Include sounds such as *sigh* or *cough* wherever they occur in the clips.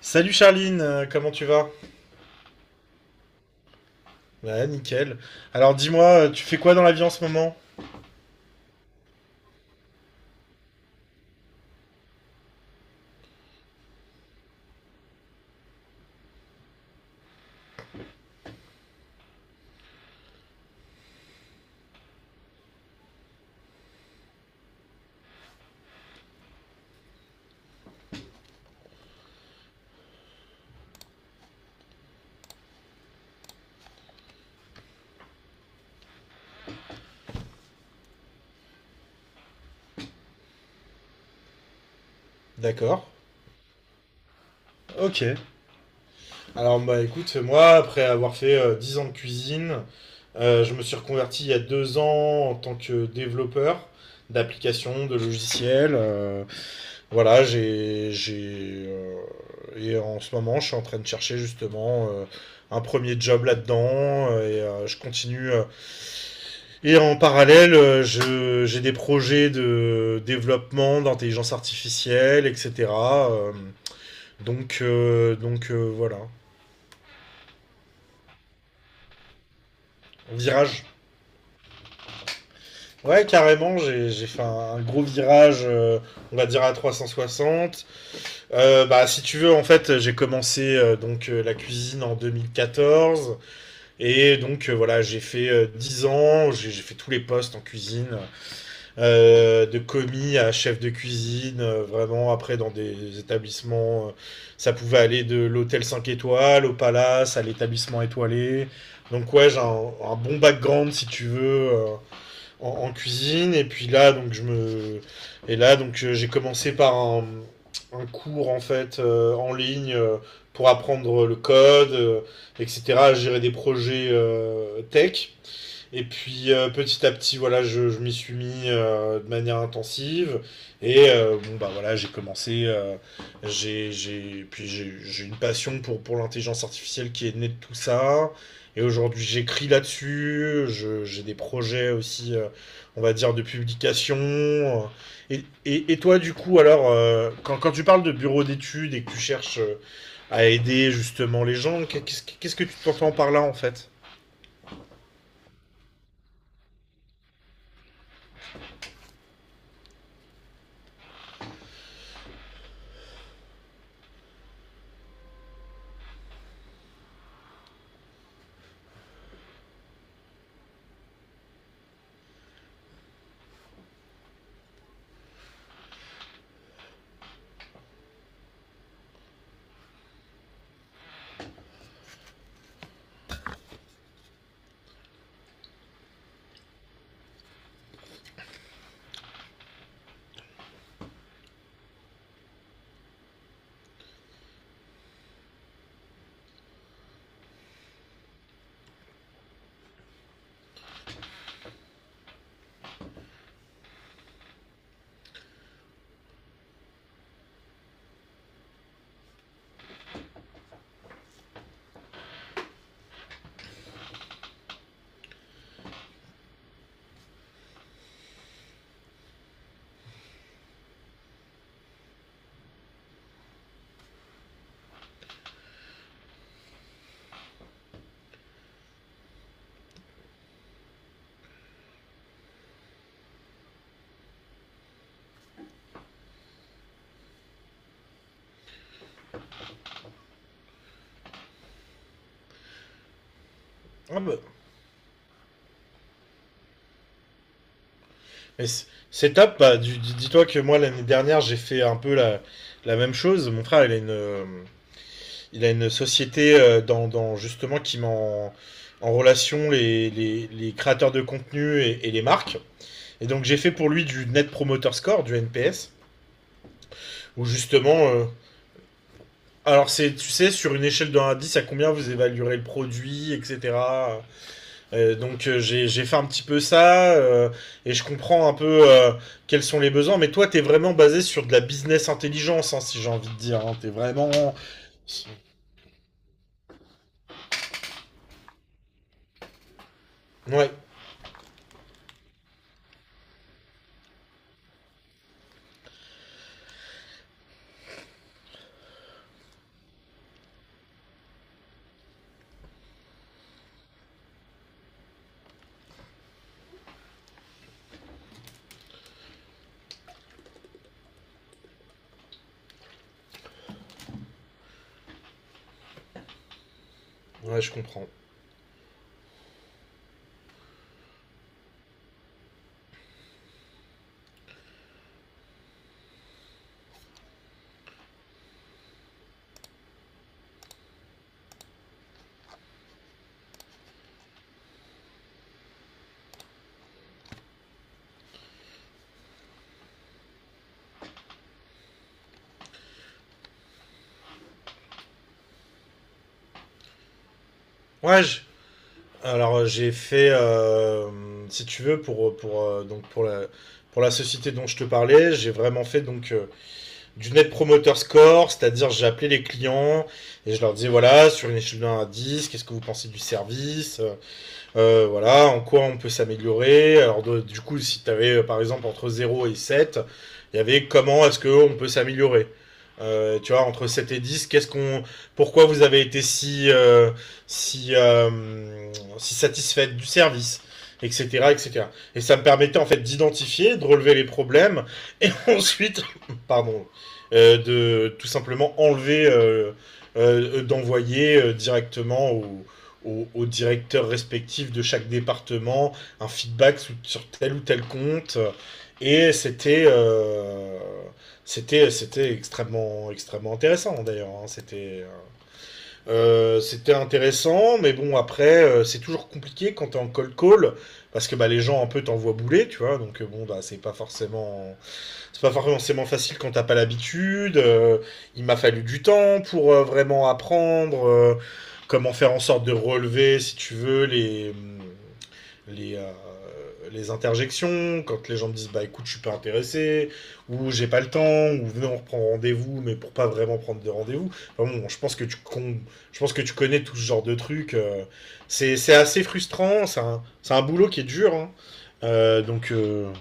Salut Charline, comment tu vas? Ouais, nickel. Alors dis-moi, tu fais quoi dans la vie en ce moment? D'accord. Ok. Alors bah écoute, moi, après avoir fait 10 ans de cuisine, je me suis reconverti il y a 2 ans en tant que développeur d'applications, de logiciels. Voilà, et en ce moment, je suis en train de chercher justement un premier job là-dedans, et je continue. Et en parallèle, j'ai des projets de développement d'intelligence artificielle, etc. euh, donc, voilà. Virage. Ouais, carrément, j'ai fait un gros virage, on va dire à 360. Bah, si tu veux, en fait, j'ai commencé la cuisine en 2014. Et donc, voilà, j'ai fait 10 ans, j'ai fait tous les postes en cuisine. De commis à chef de cuisine, vraiment après dans des établissements, ça pouvait aller de l'hôtel 5 étoiles au palace, à l'établissement étoilé. Donc ouais, j'ai un bon background si tu veux, en cuisine. Et puis là, donc je me, et là donc j'ai commencé par un cours en fait, en ligne, pour apprendre le code, etc. à gérer des projets tech. Et puis, petit à petit, voilà, je m'y suis mis, de manière intensive. Et, bon, bah voilà, j'ai commencé. J'ai une passion pour l'intelligence artificielle qui est née de tout ça. Et aujourd'hui, j'écris là-dessus. J'ai des projets aussi, on va dire, de publication. Et toi, du coup, alors, quand tu parles de bureau d'études et que tu cherches, à aider justement les gens, qu'est-ce que tu t'entends par là en fait? Ah bah, mais c'est top. Dis-toi que moi, l'année dernière, j'ai fait un peu la même chose. Mon frère, il a une société, justement qui met en relation les créateurs de contenu et les marques. Et donc, j'ai fait pour lui du Net Promoter Score, du NPS, où justement. Alors, c'est, tu sais, sur une échelle de 1 à 10, à combien vous évaluerez le produit, etc. J'ai fait un petit peu ça, et je comprends un peu, quels sont les besoins. Mais toi, t'es vraiment basé sur de la business intelligence, hein, si j'ai envie de dire. Hein. T'es vraiment. Ouais, ouais, je comprends. Ouais, j'ai fait, si tu veux, pour la société dont je te parlais, j'ai vraiment fait donc, du net promoter score, c'est-à-dire j'ai appelé les clients et je leur disais voilà sur une échelle de 1 à 10, qu'est-ce que vous pensez du service? Voilà, en quoi on peut s'améliorer. Alors du coup, si tu avais par exemple entre 0 et 7 il y avait comment est-ce qu'on peut s'améliorer. Tu vois, entre 7 et 10 pourquoi vous avez été si, euh, si satisfaite du service, etc., etc. Et cetera. Et ça me permettait en fait d'identifier, de relever les problèmes, et ensuite, *laughs* pardon, de tout simplement d'envoyer, directement aux directeurs respectifs de chaque département un feedback sur tel ou tel compte. Et c'était, c'était extrêmement extrêmement intéressant d'ailleurs. Hein. C'était intéressant, mais bon après, c'est toujours compliqué quand t'es en cold call parce que bah les gens un peu t'envoient bouler, tu vois. Donc, bon bah c'est pas forcément facile quand t'as pas l'habitude. Il m'a fallu du temps pour, vraiment apprendre, comment faire en sorte de relever, si tu veux, les, euh, les interjections. Quand les gens me disent bah écoute, je suis pas intéressé, ou j'ai pas le temps, ou venez, on reprend rendez-vous, mais pour pas vraiment prendre de rendez-vous. Enfin bon, je pense que tu connais tout ce genre de trucs. C'est assez frustrant. C'est un boulot qui est dur. Hein. Euh, donc euh,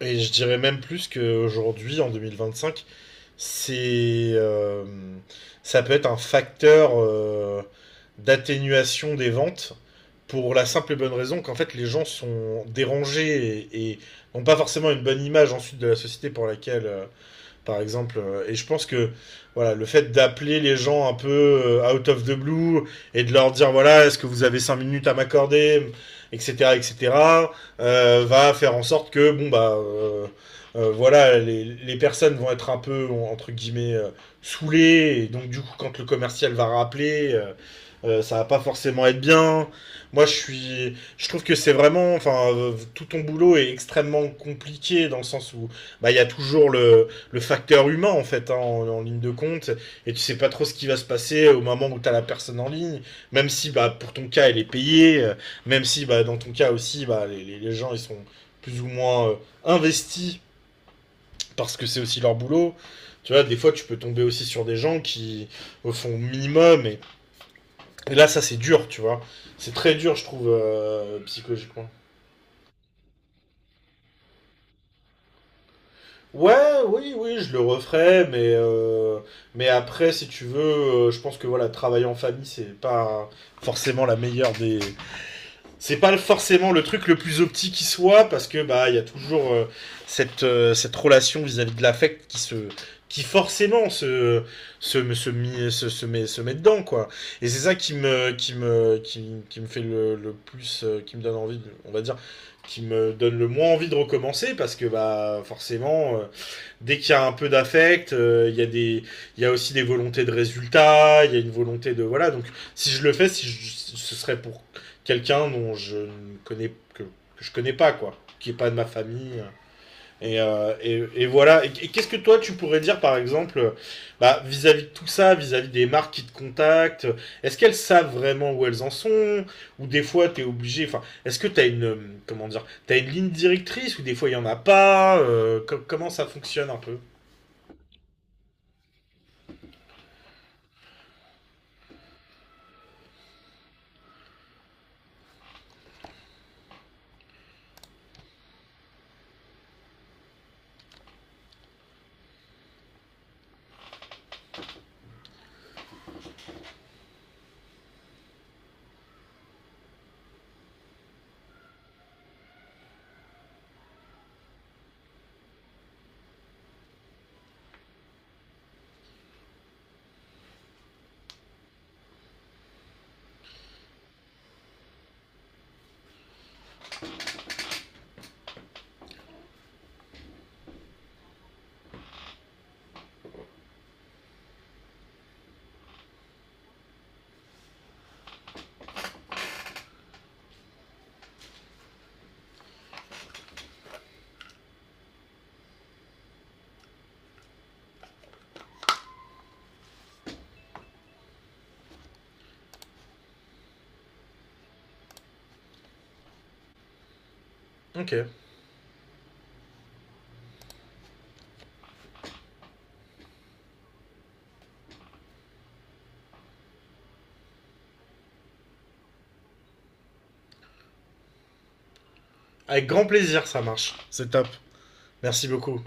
Et je dirais même plus qu'aujourd'hui, en 2025, c'est, euh, ça peut être un facteur, d'atténuation des ventes pour la simple et bonne raison qu'en fait les gens sont dérangés et n'ont pas forcément une bonne image ensuite de la société pour laquelle, par exemple. Et je pense que voilà, le fait d'appeler les gens un peu, out of the blue et de leur dire voilà, est-ce que vous avez 5 minutes à m'accorder, etc., etc., va faire en sorte que bon bah, voilà, les personnes vont être un peu entre guillemets, saoulées et donc du coup quand le commercial va rappeler. Ça va pas forcément être bien. Moi, je trouve que c'est vraiment, enfin, tout ton boulot est extrêmement compliqué dans le sens où, bah, il y a toujours le facteur humain en fait hein, en ligne de compte et tu sais pas trop ce qui va se passer au moment où t'as la personne en ligne, même si bah pour ton cas elle est payée, même si bah dans ton cas aussi bah les gens ils sont plus ou moins, investis parce que c'est aussi leur boulot. Tu vois, des fois tu peux tomber aussi sur des gens qui, font minimum et là ça c'est dur. Tu vois, c'est très dur je trouve, psychologiquement. Ouais, oui, oui, je le referais, mais après, si tu veux, je pense que voilà, travailler en famille, c'est pas forcément la meilleure des. C'est pas forcément le truc le plus optique qui soit, parce que bah, il y a toujours, cette relation vis-à-vis de l'affect qui forcément se se se, mi- se, se met dedans quoi et c'est ça qui me fait le plus qui me donne envie de, on va dire qui me donne le moins envie de recommencer parce que bah forcément, dès qu'il y a un peu d'affect, il y a aussi des volontés de résultats, il y a une volonté de voilà. Donc si je le fais, si je- ce serait pour quelqu'un dont je ne connais que je connais pas quoi, qui est pas de ma famille. Et voilà. Et qu'est-ce que toi tu pourrais dire par exemple, bah vis-à-vis de tout ça, vis-à-vis des marques qui te contactent, est-ce qu'elles savent vraiment où elles en sont ou des fois t'es obligé. Enfin, est-ce que t'as une, comment dire, t'as une ligne directrice ou des fois il y en a pas. Comment ça fonctionne un peu? Ok. Avec grand plaisir, ça marche. C'est top. Merci beaucoup.